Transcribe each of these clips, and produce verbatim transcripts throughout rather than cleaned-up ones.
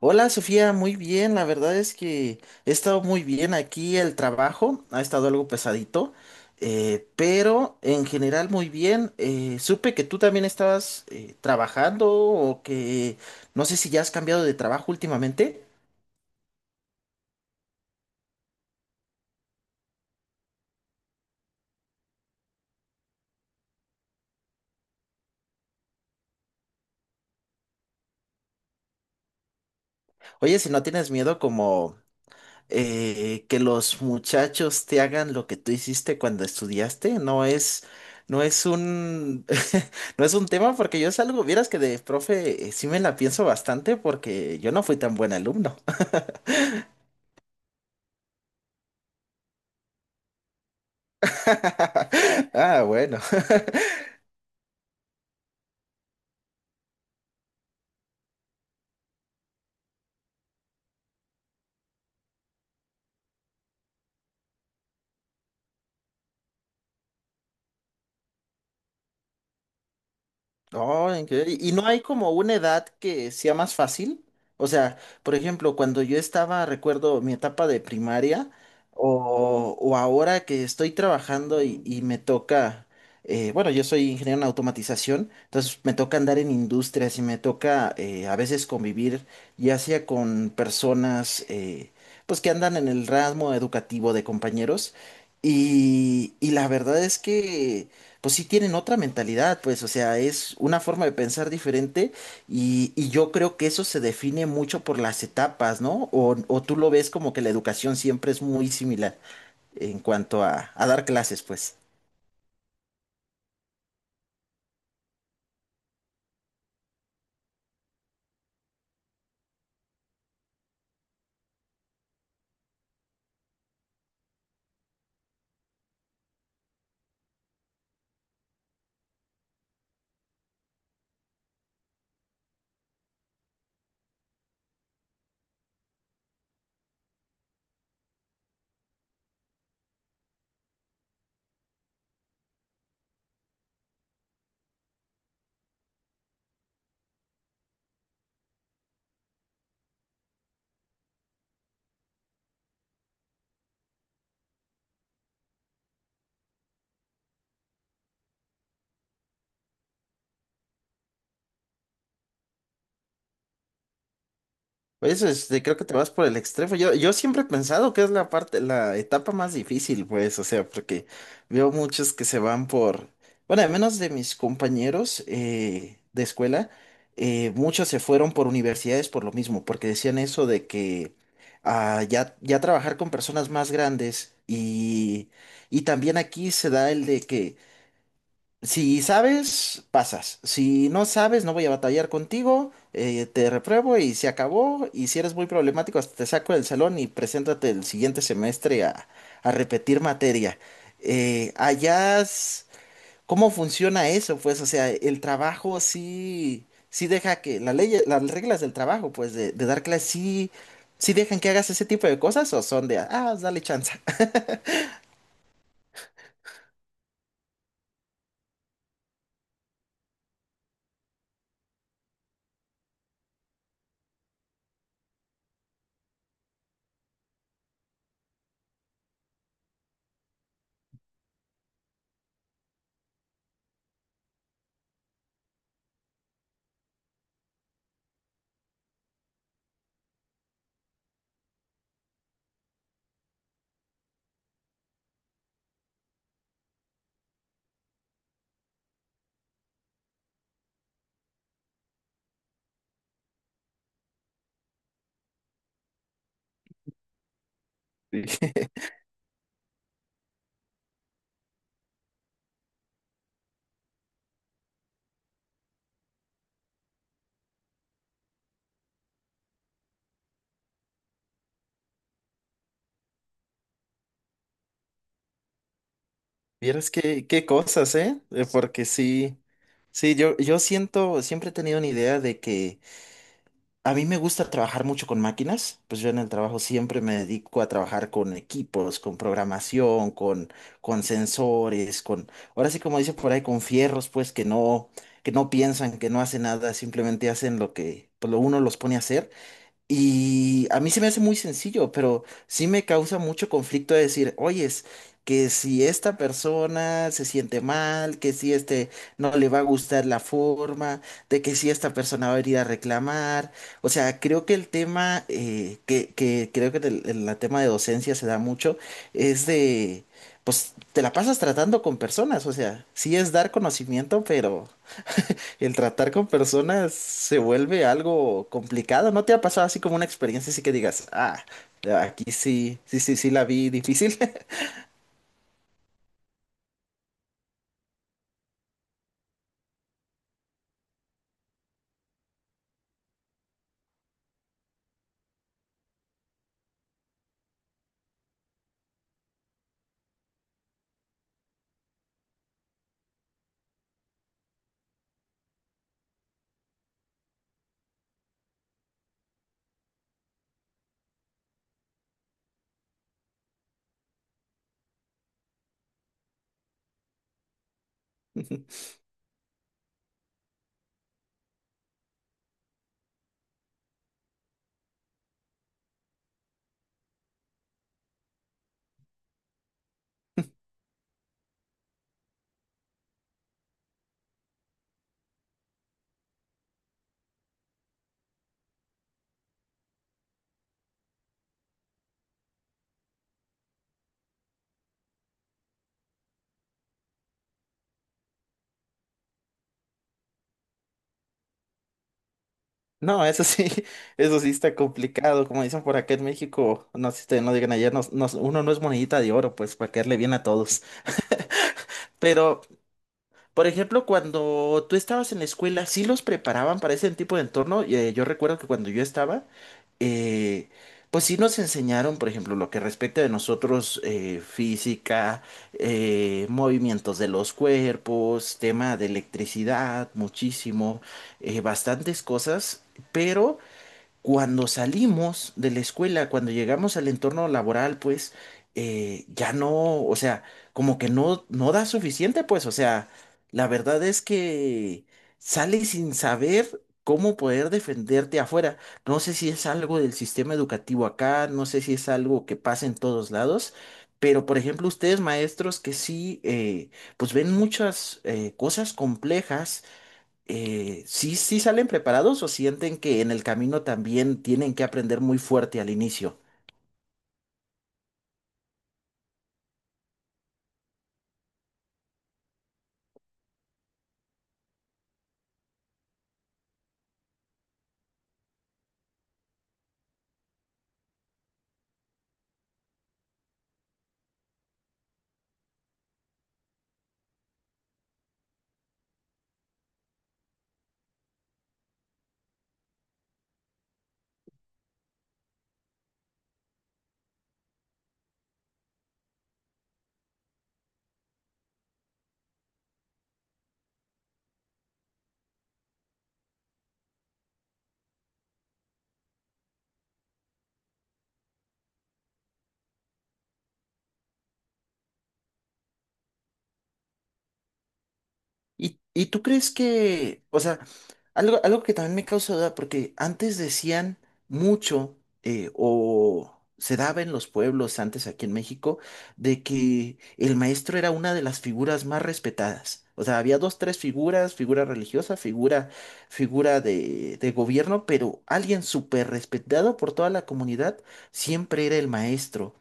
Hola Sofía, muy bien, la verdad es que he estado muy bien aquí, el trabajo ha estado algo pesadito, eh, pero en general muy bien. Eh, supe que tú también estabas eh, trabajando o que no sé si ya has cambiado de trabajo últimamente. Oye, si no tienes miedo como eh, que los muchachos te hagan lo que tú hiciste cuando estudiaste no es, no es un, no es un tema porque yo salgo, vieras que de profe eh, sí me la pienso bastante porque yo no fui tan buen alumno. Ah, bueno. Oh, increíble. ¿Y y no hay como una edad que sea más fácil? O sea, por ejemplo, cuando yo estaba, recuerdo mi etapa de primaria, o, o ahora que estoy trabajando y, y me toca, eh, bueno, yo soy ingeniero en automatización, entonces me toca andar en industrias y me toca eh, a veces convivir, ya sea con personas, eh, pues que andan en el ramo educativo de compañeros, y, y la verdad es que pues sí tienen otra mentalidad, pues, o sea, es una forma de pensar diferente y, y yo creo que eso se define mucho por las etapas, ¿no? O, o tú lo ves como que la educación siempre es muy similar en cuanto a, a dar clases, pues. Pues este, creo que te vas por el extremo. Yo, yo siempre he pensado que es la parte, la etapa más difícil, pues, o sea, porque veo muchos que se van por, bueno, al menos de mis compañeros eh, de escuela, eh, muchos se fueron por universidades por lo mismo, porque decían eso de que ah, ya, ya trabajar con personas más grandes y, y también aquí se da el de que si sabes, pasas. Si no sabes, no voy a batallar contigo. Eh, te repruebo y se acabó. Y si eres muy problemático, hasta te saco del salón y preséntate el siguiente semestre a, a repetir materia. Eh, allá, es- ¿Cómo funciona eso? Pues, o sea, el trabajo sí, sí deja que la ley, las reglas del trabajo, pues, de, de dar clases, sí, sí dejan que hagas ese tipo de cosas o son de, ah, dale chance. Vieras qué, qué cosas, ¿eh? Eh, Porque sí, sí, yo, yo siento, siempre he tenido una idea de que a mí me gusta trabajar mucho con máquinas, pues yo en el trabajo siempre me dedico a trabajar con equipos, con programación, con, con sensores, con, ahora sí como dice por ahí, con fierros, pues que no, que no piensan, que no hacen nada, simplemente hacen lo que pues, lo uno los pone a hacer. Y a mí se me hace muy sencillo, pero sí me causa mucho conflicto de decir, oyes, que si esta persona se siente mal, que si este no le va a gustar la forma, de que si esta persona va a venir a reclamar. O sea, creo que el tema, eh, que, que creo que el, el- la tema de docencia se da mucho, es de, pues te la pasas tratando con personas, o sea, sí es dar conocimiento, pero... El tratar con personas se vuelve algo complicado. ¿No te ha pasado así como una experiencia así que digas, ah, aquí sí, sí, sí, sí la vi difícil? No, eso sí, eso sí está complicado. Como dicen por acá en México, no sé si te no digan allá, no- no- uno no es monedita de oro, pues para caerle bien a todos. Pero, por ejemplo, cuando tú estabas en la escuela, ¿sí los preparaban para ese tipo de entorno? Eh, yo recuerdo que cuando yo estaba. eh, pues sí nos enseñaron, por ejemplo, lo que respecta de nosotros, eh, física, eh, movimientos de los cuerpos, tema de electricidad, muchísimo, eh, bastantes cosas, pero cuando salimos de la escuela, cuando llegamos al entorno laboral, pues eh, ya no, o sea, como que no, no da suficiente, pues, o sea, la verdad es que sales sin saber cómo poder defenderte afuera. No sé si es algo del sistema educativo acá, no sé si es algo que pasa en todos lados, pero por ejemplo, ustedes maestros que sí, eh, pues ven muchas eh, cosas complejas eh, ¿sí, sí salen preparados o sienten que en el camino también tienen que aprender muy fuerte al inicio? ¿Y, y tú crees que, o sea, algo, algo que también me causa duda, porque antes decían mucho, eh, o se daba en los pueblos antes aquí en México, de que el maestro era una de las figuras más respetadas. O sea, había dos, tres figuras, figura religiosa, figura, figura de, de gobierno, pero alguien súper respetado por toda la comunidad siempre era el maestro.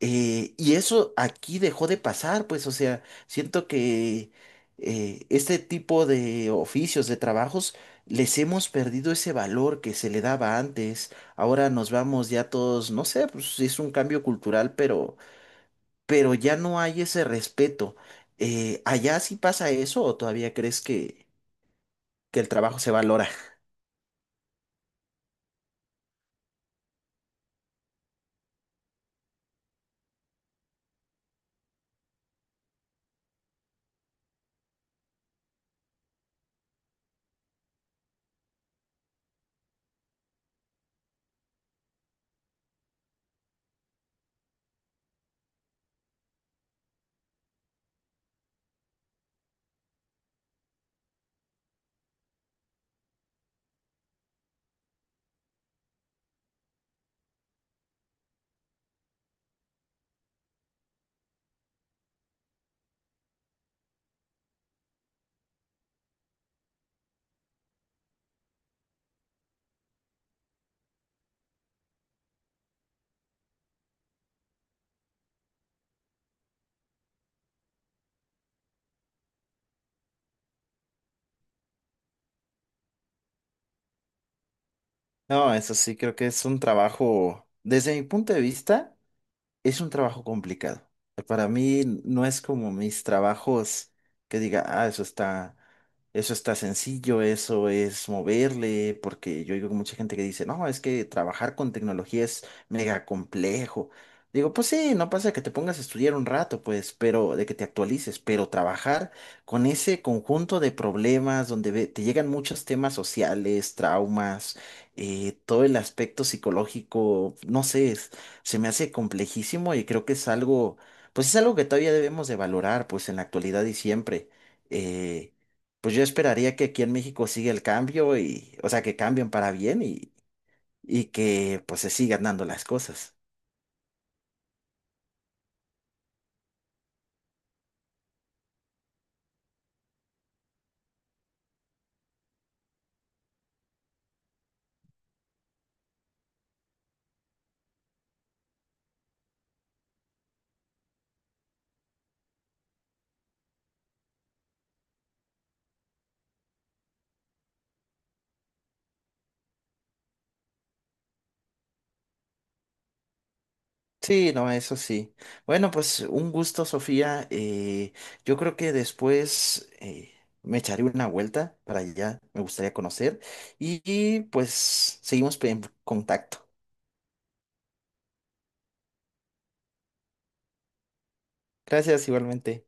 Eh, y eso aquí dejó de pasar, pues, o sea, siento que eh, este tipo de oficios, de trabajos, les hemos perdido ese valor que se le daba antes. Ahora nos vamos ya todos, no sé, pues es un cambio cultural, pero, pero ya no hay ese respeto. Eh, ¿allá sí pasa eso o todavía crees que, que el trabajo se valora? No, eso sí, creo que es un trabajo, desde mi punto de vista. Es un trabajo complicado. Para mí no es como mis trabajos que diga, ah, eso está, eso está sencillo, eso es moverle, porque yo digo mucha gente que dice, no, es que trabajar con tecnología es mega complejo. Digo, pues sí, no pasa que te pongas a estudiar un rato, pues, pero de que te actualices, pero trabajar con ese conjunto de problemas donde ve- te llegan muchos temas sociales, traumas, eh, todo el aspecto psicológico, no sé, se me hace complejísimo y creo que es algo, pues es algo que todavía debemos de valorar, pues en la actualidad y siempre. Eh, pues yo esperaría que aquí en México siga el cambio y, o sea, que cambien para bien y, y que pues se sigan dando las cosas. Sí, no, eso sí. Bueno, pues un gusto, Sofía. Eh, yo creo que después eh, me echaré una vuelta para allá, me gustaría conocer y, y, pues seguimos en contacto. Gracias igualmente.